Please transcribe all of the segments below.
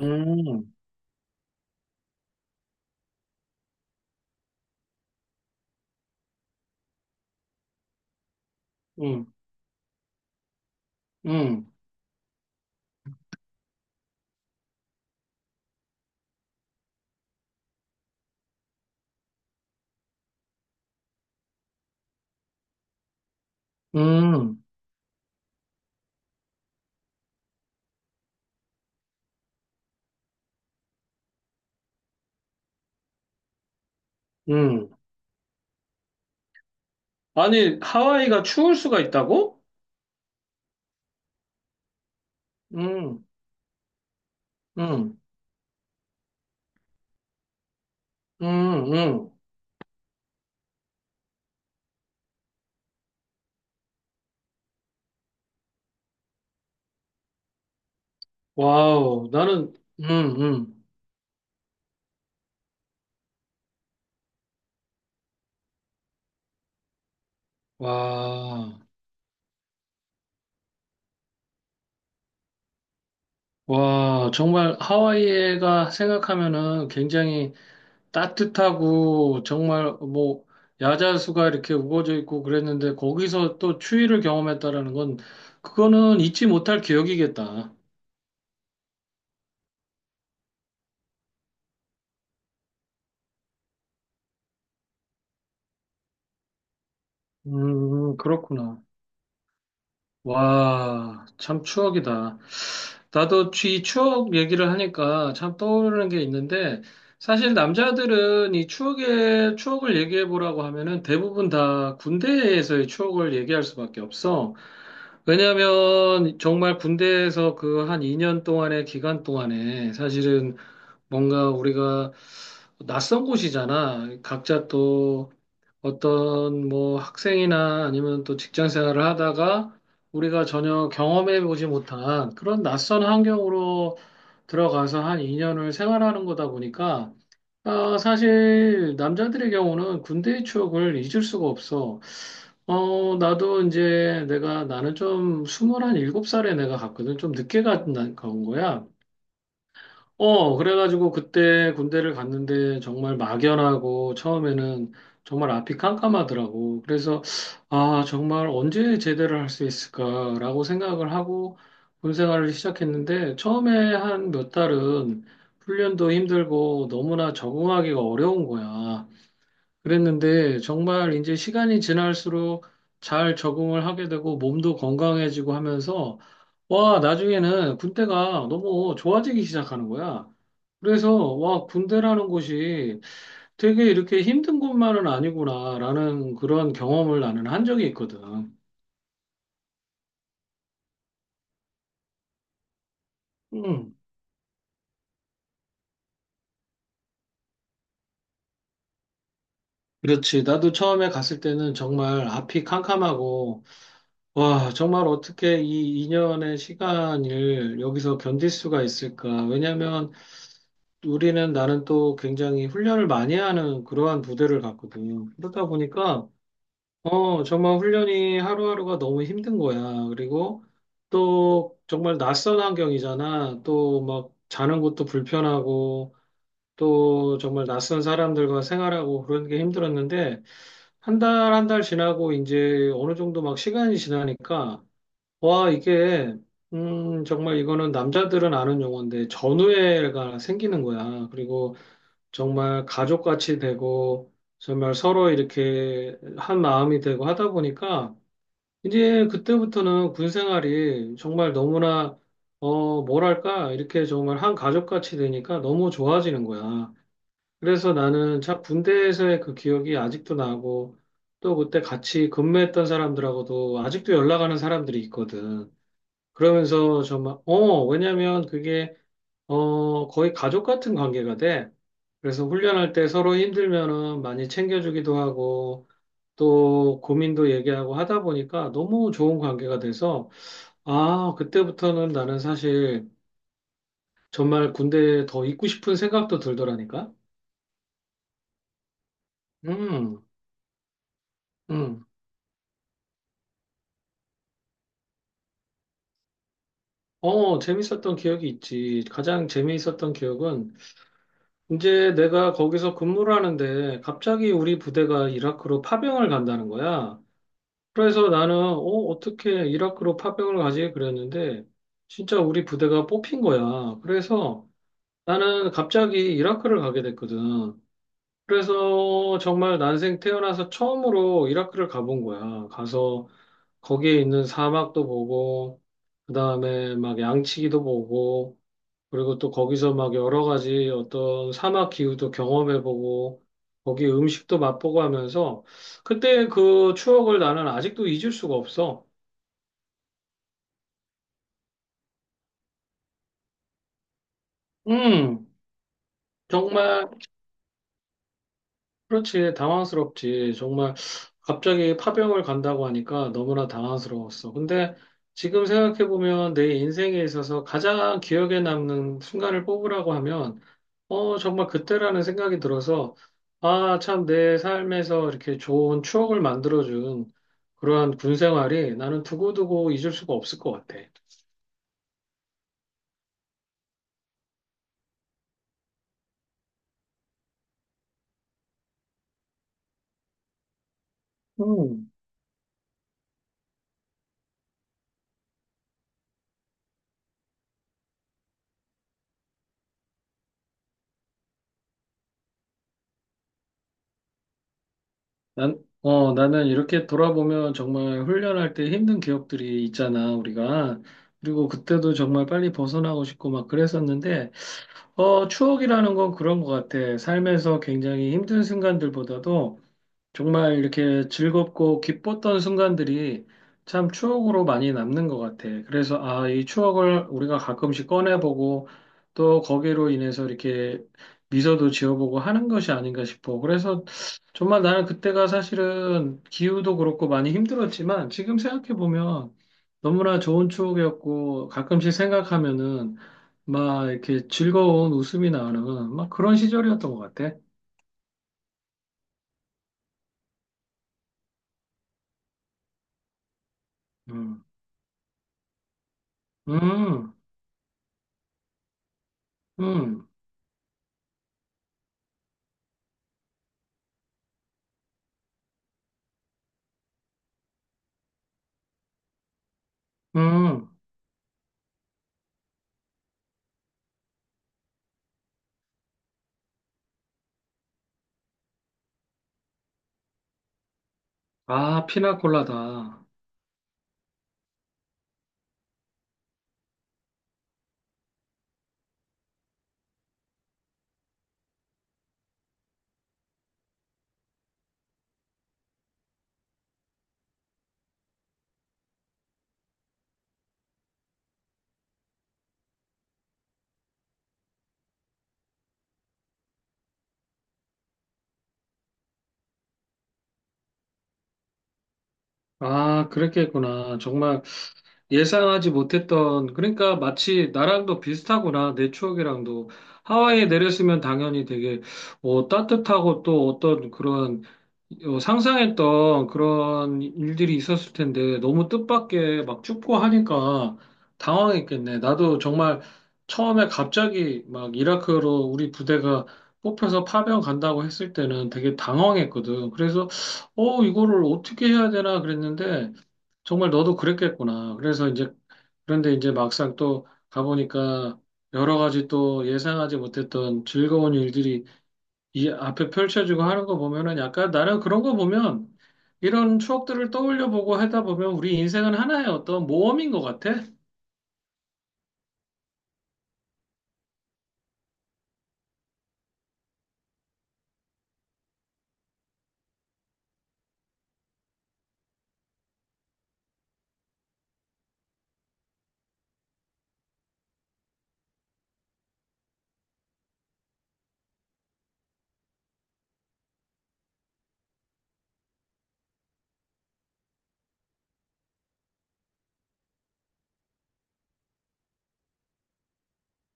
음, 음, 음, 음, 음. 아니, 하와이가 추울 수가 있다고? 음, 음, 음, 음. 와우, 나는, 음, 음. 와, 와, 정말 하와이가 생각하면은 굉장히 따뜻하고 정말 뭐 야자수가 이렇게 우거져 있고 그랬는데 거기서 또 추위를 경험했다라는 건 그거는 잊지 못할 기억이겠다. 그렇구나. 와, 참 추억이다. 나도 이 추억 얘기를 하니까 참 떠오르는 게 있는데, 사실 남자들은 이 추억을 얘기해 보라고 하면은 대부분 다 군대에서의 추억을 얘기할 수밖에 없어. 왜냐면 정말 군대에서 그 한 2년 동안의 기간 동안에 사실은 뭔가 우리가 낯선 곳이잖아. 각자 또 어떤 뭐 학생이나 아니면 또 직장 생활을 하다가 우리가 전혀 경험해 보지 못한 그런 낯선 환경으로 들어가서 한 2년을 생활하는 거다 보니까 아, 사실 남자들의 경우는 군대의 추억을 잊을 수가 없어. 나도 이제 내가 나는 좀 스물한 일곱 살에 내가 갔거든. 좀 늦게 간 거야. 그래가지고 그때 군대를 갔는데 정말 막연하고 처음에는 정말 앞이 깜깜하더라고. 그래서 아, 정말 언제 제대를 할 수 있을까라고 생각을 하고 군 생활을 시작했는데 처음에 한 몇 달은 훈련도 힘들고 너무나 적응하기가 어려운 거야. 그랬는데 정말 이제 시간이 지날수록 잘 적응을 하게 되고 몸도 건강해지고 하면서 와, 나중에는 군대가 너무 좋아지기 시작하는 거야. 그래서 와, 군대라는 곳이 되게 이렇게 힘든 곳만은 아니구나라는 그런 경험을 나는 한 적이 있거든. 음. 그렇지. 나도 처음에 갔을 때는 정말 앞이 캄캄하고, 와, 정말 어떻게 이 2년의 시간을 여기서 견딜 수가 있을까? 왜냐면 우리는 나는 또 굉장히 훈련을 많이 하는 그러한 부대를 갔거든. 그러다 보니까, 정말 훈련이 하루하루가 너무 힘든 거야. 그리고 또 정말 낯선 환경이잖아. 또 막 자는 것도 불편하고, 또 정말 낯선 사람들과 생활하고 그런 게 힘들었는데, 한 달, 한 달 지나고 이제 어느 정도 막 시간이 지나니까, 와, 이게, 정말 이거는 남자들은 아는 용어인데, 전우애가 생기는 거야. 그리고 정말 가족같이 되고 정말 서로 이렇게 한 마음이 되고 하다 보니까 이제 그때부터는 군 생활이 정말 너무나 뭐랄까 이렇게 정말 한 가족같이 되니까 너무 좋아지는 거야. 그래서 나는 참 군대에서의 그 기억이 아직도 나고 또 그때 같이 근무했던 사람들하고도 아직도 연락하는 사람들이 있거든. 그러면서 정말 왜냐면 그게 거의 가족 같은 관계가 돼. 그래서 훈련할 때 서로 힘들면은 많이 챙겨주기도 하고, 또 고민도 얘기하고 하다 보니까 너무 좋은 관계가 돼서, 아, 그때부터는 나는 사실 정말 군대에 더 있고 싶은 생각도 들더라니까? 음, 음. 재밌었던 기억이 있지. 가장 재미있었던 기억은 이제 내가 거기서 근무를 하는데 갑자기 우리 부대가 이라크로 파병을 간다는 거야. 그래서 나는 어떻게 이라크로 파병을 가지 그랬는데 진짜 우리 부대가 뽑힌 거야. 그래서 나는 갑자기 이라크를 가게 됐거든. 그래서 정말 난생 태어나서 처음으로 이라크를 가본 거야. 가서 거기에 있는 사막도 보고 그다음에 막 양치기도 보고 그리고 또 거기서 막 여러 가지 어떤 사막 기후도 경험해 보고 거기 음식도 맛보고 하면서 그때 그 추억을 나는 아직도 잊을 수가 없어. 음, 정말, 그렇지, 당황스럽지. 정말, 갑자기 파병을 간다고 하니까 너무나 당황스러웠어. 근데 지금 생각해보면 내 인생에 있어서 가장 기억에 남는 순간을 뽑으라고 하면, 정말 그때라는 생각이 들어서, 아, 참, 내 삶에서 이렇게 좋은 추억을 만들어준 그러한 군 생활이 나는 두고두고 잊을 수가 없을 것 같아. 음. 나는 이렇게 돌아보면 정말 훈련할 때 힘든 기억들이 있잖아, 우리가. 그리고 그때도 정말 빨리 벗어나고 싶고 막 그랬었는데, 추억이라는 건 그런 것 같아. 삶에서 굉장히 힘든 순간들보다도 정말 이렇게 즐겁고 기뻤던 순간들이 참 추억으로 많이 남는 것 같아. 그래서 아, 이 추억을 우리가 가끔씩 꺼내보고 또 거기로 인해서 이렇게 미소도 지어보고 하는 것이 아닌가 싶어. 그래서 정말 나는 그때가 사실은 기후도 그렇고 많이 힘들었지만 지금 생각해보면 너무나 좋은 추억이었고 가끔씩 생각하면은 막 이렇게 즐거운 웃음이 나는 막 그런 시절이었던 것 같아. 음, 음, 음. 음, 아, 피나콜라다. 아, 그랬겠구나. 정말 예상하지 못했던, 그러니까 마치 나랑도 비슷하구나, 내 추억이랑도. 하와이에 내렸으면 당연히 되게, 따뜻하고 또 어떤 그런, 상상했던 그런 일들이 있었을 텐데, 너무 뜻밖의 막 춥고 하니까 당황했겠네. 나도 정말 처음에 갑자기 막 이라크로 우리 부대가 뽑혀서 파병 간다고 했을 때는 되게 당황했거든. 그래서, 이거를 어떻게 해야 되나 그랬는데, 정말 너도 그랬겠구나. 그래서 이제, 그런데 이제 막상 또 가보니까 여러 가지 또 예상하지 못했던 즐거운 일들이 이 앞에 펼쳐지고 하는 거 보면은 약간 나는 그런 거 보면 이런 추억들을 떠올려 보고 하다 보면 우리 인생은 하나의 어떤 모험인 것 같아.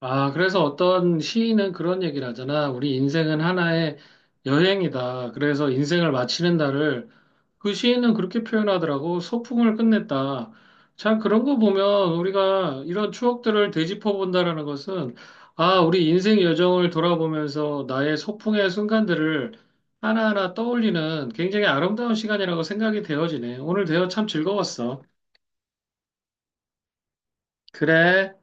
아, 그래서 어떤 시인은 그런 얘기를 하잖아. 우리 인생은 하나의 여행이다. 그래서 인생을 마치는 날을 그 시인은 그렇게 표현하더라고. 소풍을 끝냈다. 참 그런 거 보면 우리가 이런 추억들을 되짚어 본다라는 것은 아, 우리 인생 여정을 돌아보면서 나의 소풍의 순간들을 하나하나 떠올리는 굉장히 아름다운 시간이라고 생각이 되어지네. 오늘 대화 참 즐거웠어. 그래.